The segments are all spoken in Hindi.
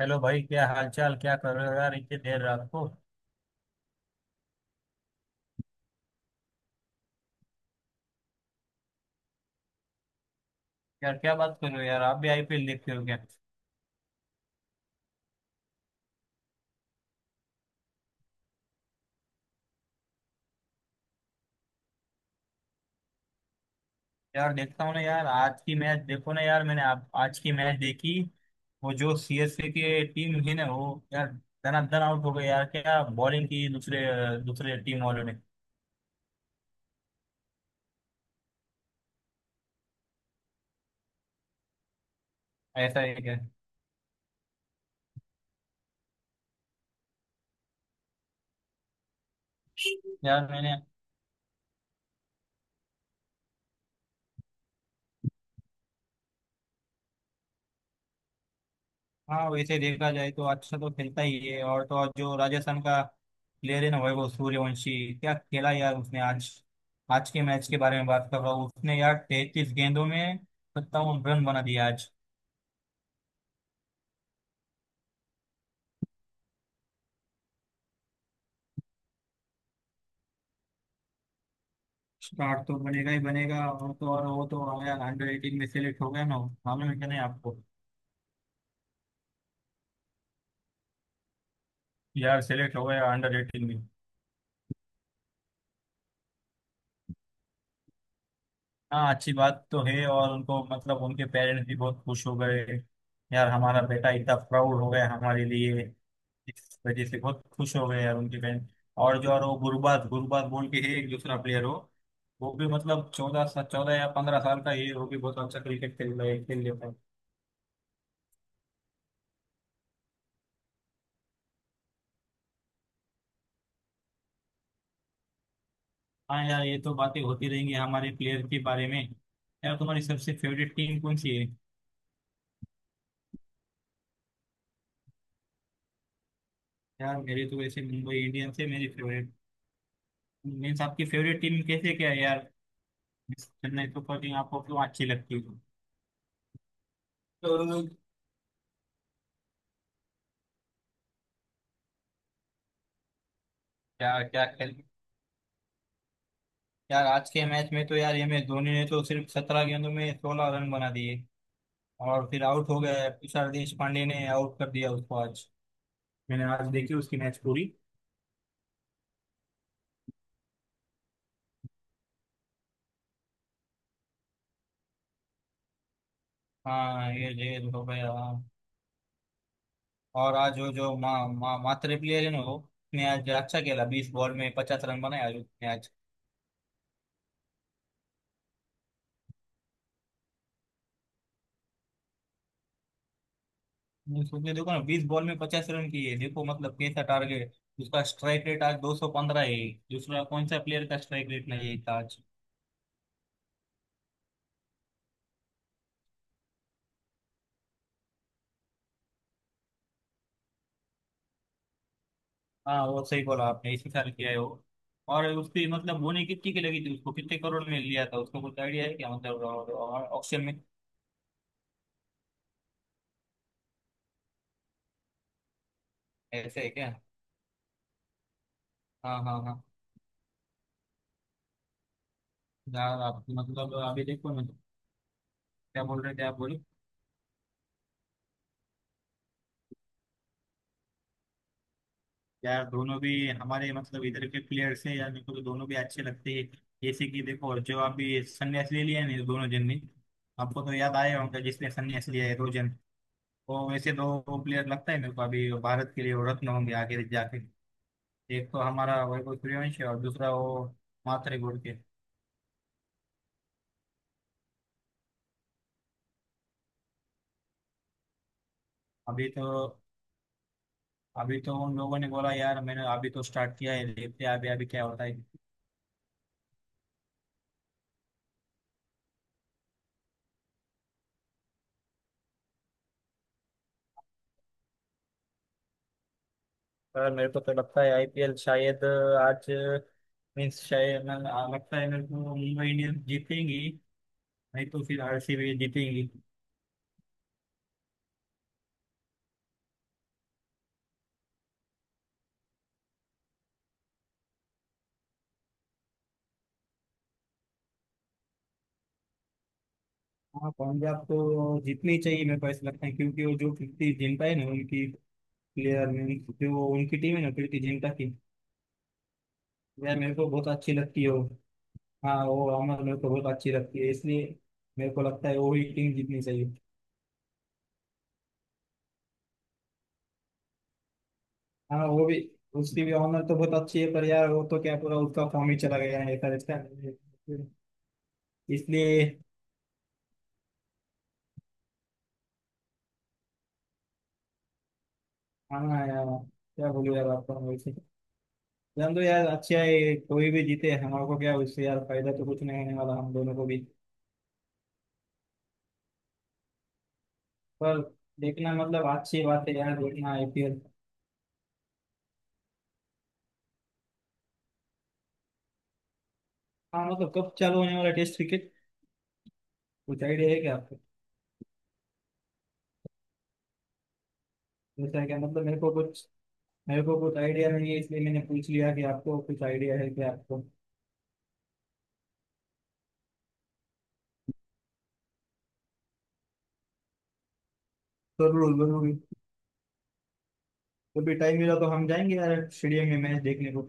हेलो भाई, क्या हालचाल? क्या कर रहे हो यार इतनी देर रात को? यार क्या बात कर रहे हो यार, आप भी आईपीएल देखते हो क्या? यार देखता हूँ ना यार। आज की मैच देखो ना यार, मैंने आप आज की मैच देखी। वो जो सीएसके की टीम है ना वो, यार धनाधन आउट हो गई यार। क्या बॉलिंग की दूसरे दूसरे टीम वालों ने। ऐसा है क्या? यार मैंने। हाँ वैसे देखा जाए तो अच्छा तो खेलता ही है, और तो और जो राजस्थान का प्लेयर है ना, वैभव सूर्यवंशी, क्या खेला यार उसने आज। आज के मैच के बारे में बात कर रहा हूँ, उसने यार 33 गेंदों में 57 रन बना दिया आज। स्टार तो बनेगा ही बनेगा, और तो और वो तो आया अंडर 18 में सेलेक्ट हो गया ना। मालूम है क्या, नहीं आपको? यार सेलेक्ट हो गया अंडर 18 में। हाँ अच्छी बात तो है, और उनको मतलब उनके पेरेंट्स भी बहुत खुश हो गए यार, हमारा बेटा इतना प्राउड हो गया हमारे लिए। इस वजह से बहुत खुश हो गए यार, उनकी फैन। और जो और वो गुरबाज गुरबाज बोल के है, एक दूसरा प्लेयर हो। वो भी मतलब 14 या 15 साल का ही है, वो भी बहुत अच्छा क्रिकेट खेल रहा है, खेल लेता है। हाँ यार, ये तो बातें होती रहेंगी हमारे प्लेयर के बारे में। यार, तुम्हारी सबसे फेवरेट टीम कौन सी है? यार, मेरी तो वैसे मुंबई इंडियंस है मेरी फेवरेट। मीन्स आपकी फेवरेट टीम कैसे क्या है यार? Means चेन्नई सुपर किंग आपको क्यों अच्छी लगती है? तो क्या क्या खेल। यार, आज के मैच में तो यार एम एस धोनी ने तो सिर्फ 17 गेंदों में 16 रन बना दिए, और फिर आउट हो गया, तुषार देशपांडे ने आउट कर दिया उसको आज। मैंने आज देखी उसकी मैच पूरी। हाँ ये जेल हो गया हाँ। और आज वो जो मा, मा, मात्रे प्लेयर है ना वो, उसने आज अच्छा खेला, 20 बॉल में 50 रन बनाए आज उसने आज। उसने देखो ना, 20 बॉल में 50 रन किए, देखो मतलब कैसा टारगेट। उसका स्ट्राइक रेट आज 215 है। दूसरा कौन सा प्लेयर का स्ट्राइक रेट नहीं है इसका आज। हाँ वो सही बोला आपने, इसी साल किया है वो। और उसकी मतलब बोनी कितनी की लगी थी, उसको कितने करोड़ में लिया था उसको, कुछ आइडिया है क्या मतलब, ऑक्शन में? ऐसे है क्या? हाँ हाँ हाँ। यार आप मतलब अभी देखो ना। क्या बोल रहे थे आप, बोलो। यार, दोनों भी हमारे मतलब इधर के प्लेयर्स हैं यार, मेरे को तो दोनों भी अच्छे लगते हैं। जैसे कि देखो, जो आप भी संन्यास ले लिया है ना दोनों जन ने, आपको तो याद आया होगा जिसने संन्यास लिया है दो जन। वो वैसे दो प्लेयर लगता है मेरे को, अभी भारत के लिए वो रत्न होंगे आगे जाके। एक तो हमारा वैभव सूर्यवंशी और दूसरा वो मात्रे गुड़ के। अभी तो अभी तो उन लोगों ने बोला यार, मैंने अभी तो स्टार्ट किया है, देखते हैं अभी अभी क्या होता है। सर, मेरे को तो लगता है आईपीएल शायद आज, मीन्स शायद लगता है मेरे को मुंबई इंडियंस जीतेंगी। नहीं तो फिर आरसीबी जीतेंगी। हाँ पंजाब तो जीतनी चाहिए, मेरे को ऐसा लगता है, क्योंकि वो जो कीर्ति जिंटा है ना उनकी प्लेयर में, जो उनकी टीम है ना कीर्ति जिंटा की, यार मेरे को बहुत अच्छी लगती है वो। हाँ वो अमर मेरे को बहुत अच्छी लगती है इसलिए, मेरे को लगता है वो ही टीम जीतनी चाहिए। हाँ वो भी, उसकी भी ऑनर तो बहुत अच्छी है, पर यार वो तो क्या, पूरा उसका फॉर्म ही चला गया है ऐसा लगता है, इसलिए। हाँ यार, क्या बोलूँ यार आपको, हम वैसे, जान दो यार, अच्छा है कोई भी जीते, हमारे को क्या उससे यार, फायदा तो कुछ नहीं होने वाला हम दोनों को भी। पर देखना मतलब अच्छी बात है यार, देखना आईपीएल। हाँ मतलब कब चालू होने वाला टेस्ट क्रिकेट, कुछ आइडिया है क्या आपको? जैसा क्या मतलब मेरे को कुछ, मेरे को कुछ आइडिया नहीं है, इसलिए मैंने पूछ लिया कि आपको कुछ आइडिया है क्या आपको। जरूर जरूर। कभी टाइम मिला तो हम जाएंगे यार स्टेडियम में मैच देखने को।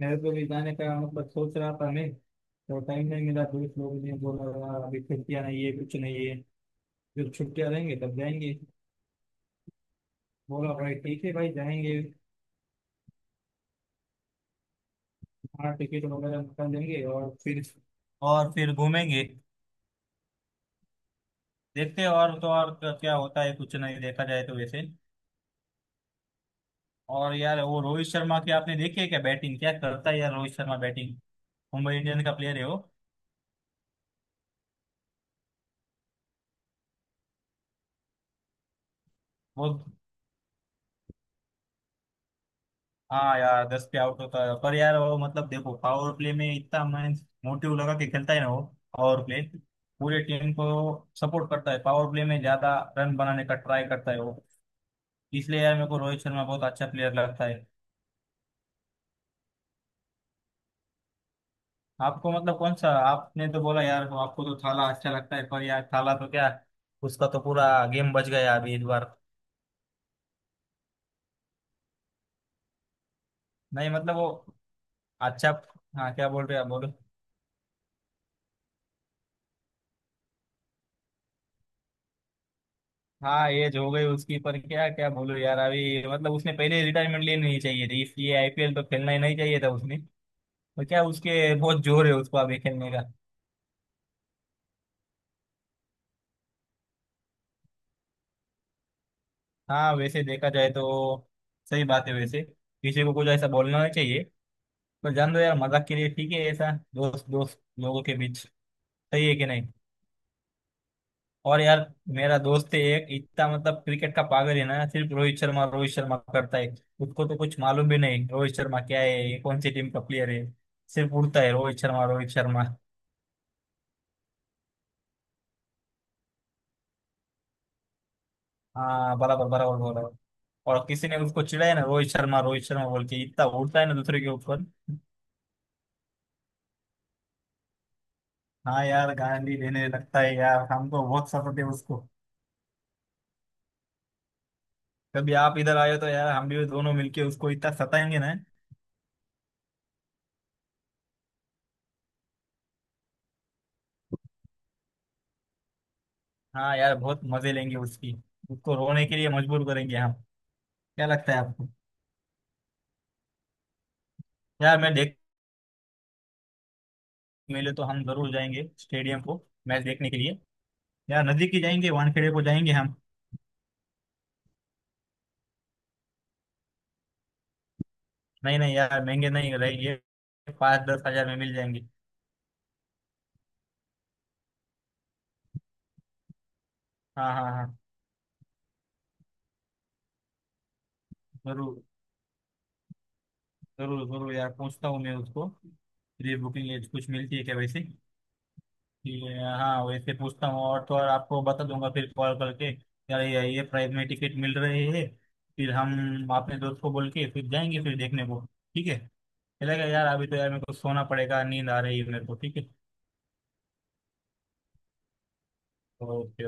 मेरे को भी जाने का मतलब सोच रहा था मैं, तो टाइम नहीं मिला, दोस्त लोग ने बोला, "यार, अभी छुट्टियां नहीं है कुछ नहीं है, जब छुट्टियां रहेंगे तब जाएंगे।" बोला, भाई ठीक है भाई, जाएंगे। हाँ टिकट वगैरह निकाल देंगे, और फिर घूमेंगे। देखते हैं और तो और क्या क्या होता है, कुछ नहीं देखा जाए तो वैसे। और यार, वो रोहित शर्मा की आपने देखी है क्या बैटिंग, क्या करता है यार रोहित शर्मा बैटिंग। मुंबई इंडियंस का प्लेयर है वो। बहुत। हाँ यार 10 पे आउट होता है, पर यार वो मतलब देखो पावर प्ले में इतना मैं मोटिव लगा के खेलता है ना वो, पावर प्ले, पूरे टीम को सपोर्ट करता है, पावर प्ले में ज्यादा रन बनाने का ट्राई करता है वो। इसलिए यार मेरे को रोहित शर्मा बहुत अच्छा प्लेयर लगता है। आपको मतलब कौन सा, आपने तो बोला यार वो आपको तो थाला अच्छा लगता है, पर यार थाला तो क्या, उसका तो पूरा गेम बच गया अभी इस बार। नहीं मतलब वो, अच्छा। हाँ, क्या बोल रहे हैं आप, बोलो। हाँ एज हो गई उसकी पर क्या, क्या बोलो यार, अभी मतलब उसने पहले रिटायरमेंट लेनी नहीं चाहिए थी, इसलिए आईपीएल तो खेलना ही नहीं चाहिए था उसने। पर क्या उसके बहुत जोर है उसको अभी खेलने का। हाँ वैसे देखा जाए तो सही बात है, वैसे किसी को कुछ ऐसा बोलना नहीं चाहिए। पर जान दो यार मजाक के लिए ठीक है, ऐसा दोस्त दोस्त लोगों के बीच सही है कि नहीं। और यार, मेरा दोस्त है एक, इतना मतलब क्रिकेट का पागल है ना, सिर्फ रोहित शर्मा करता है। उसको तो कुछ मालूम भी नहीं रोहित शर्मा क्या है, ये कौन सी टीम का प्लेयर है, सिर्फ उड़ता है रोहित शर्मा रोहित शर्मा। हाँ बराबर बराबर बोला। और किसी ने उसको चिढ़ाया ना रोहित शर्मा बोल के, इतना उड़ता है ना दूसरे के ऊपर। हाँ यार गाली देने लगता है यार, हमको बहुत सताते हैं उसको। कभी आप इधर आए तो यार, हम भी दोनों मिलके उसको इतना सताएंगे ना। हाँ यार, बहुत मजे लेंगे उसकी, उसको रोने के लिए मजबूर करेंगे हम। क्या लगता है आपको? यार मैं देख, मिले तो हम जरूर जाएंगे स्टेडियम को, मैच देखने के लिए। यार नजदीक ही जाएंगे, वानखेड़े को जाएंगे हम। नहीं नहीं यार महंगे नहीं रहेंगे, 5-10 हज़ार में मिल जाएंगे। हाँ हाँ हाँ। जरूर जरूर। जरूर यार, पूछता हूँ मैं उसको, प्री बुकिंग कुछ मिलती है क्या वैसे। हाँ वैसे पूछता हूँ, और तो और आपको बता दूंगा फिर कॉल करके यार, ये प्राइस में टिकट मिल रहे हैं। फिर हम अपने दोस्त को बोल के फिर जाएंगे फिर देखने को। ठीक है। चलेगा यार, अभी तो यार मेरे को सोना पड़ेगा, नींद आ रही है मेरे को, ठीक है। ओह जी।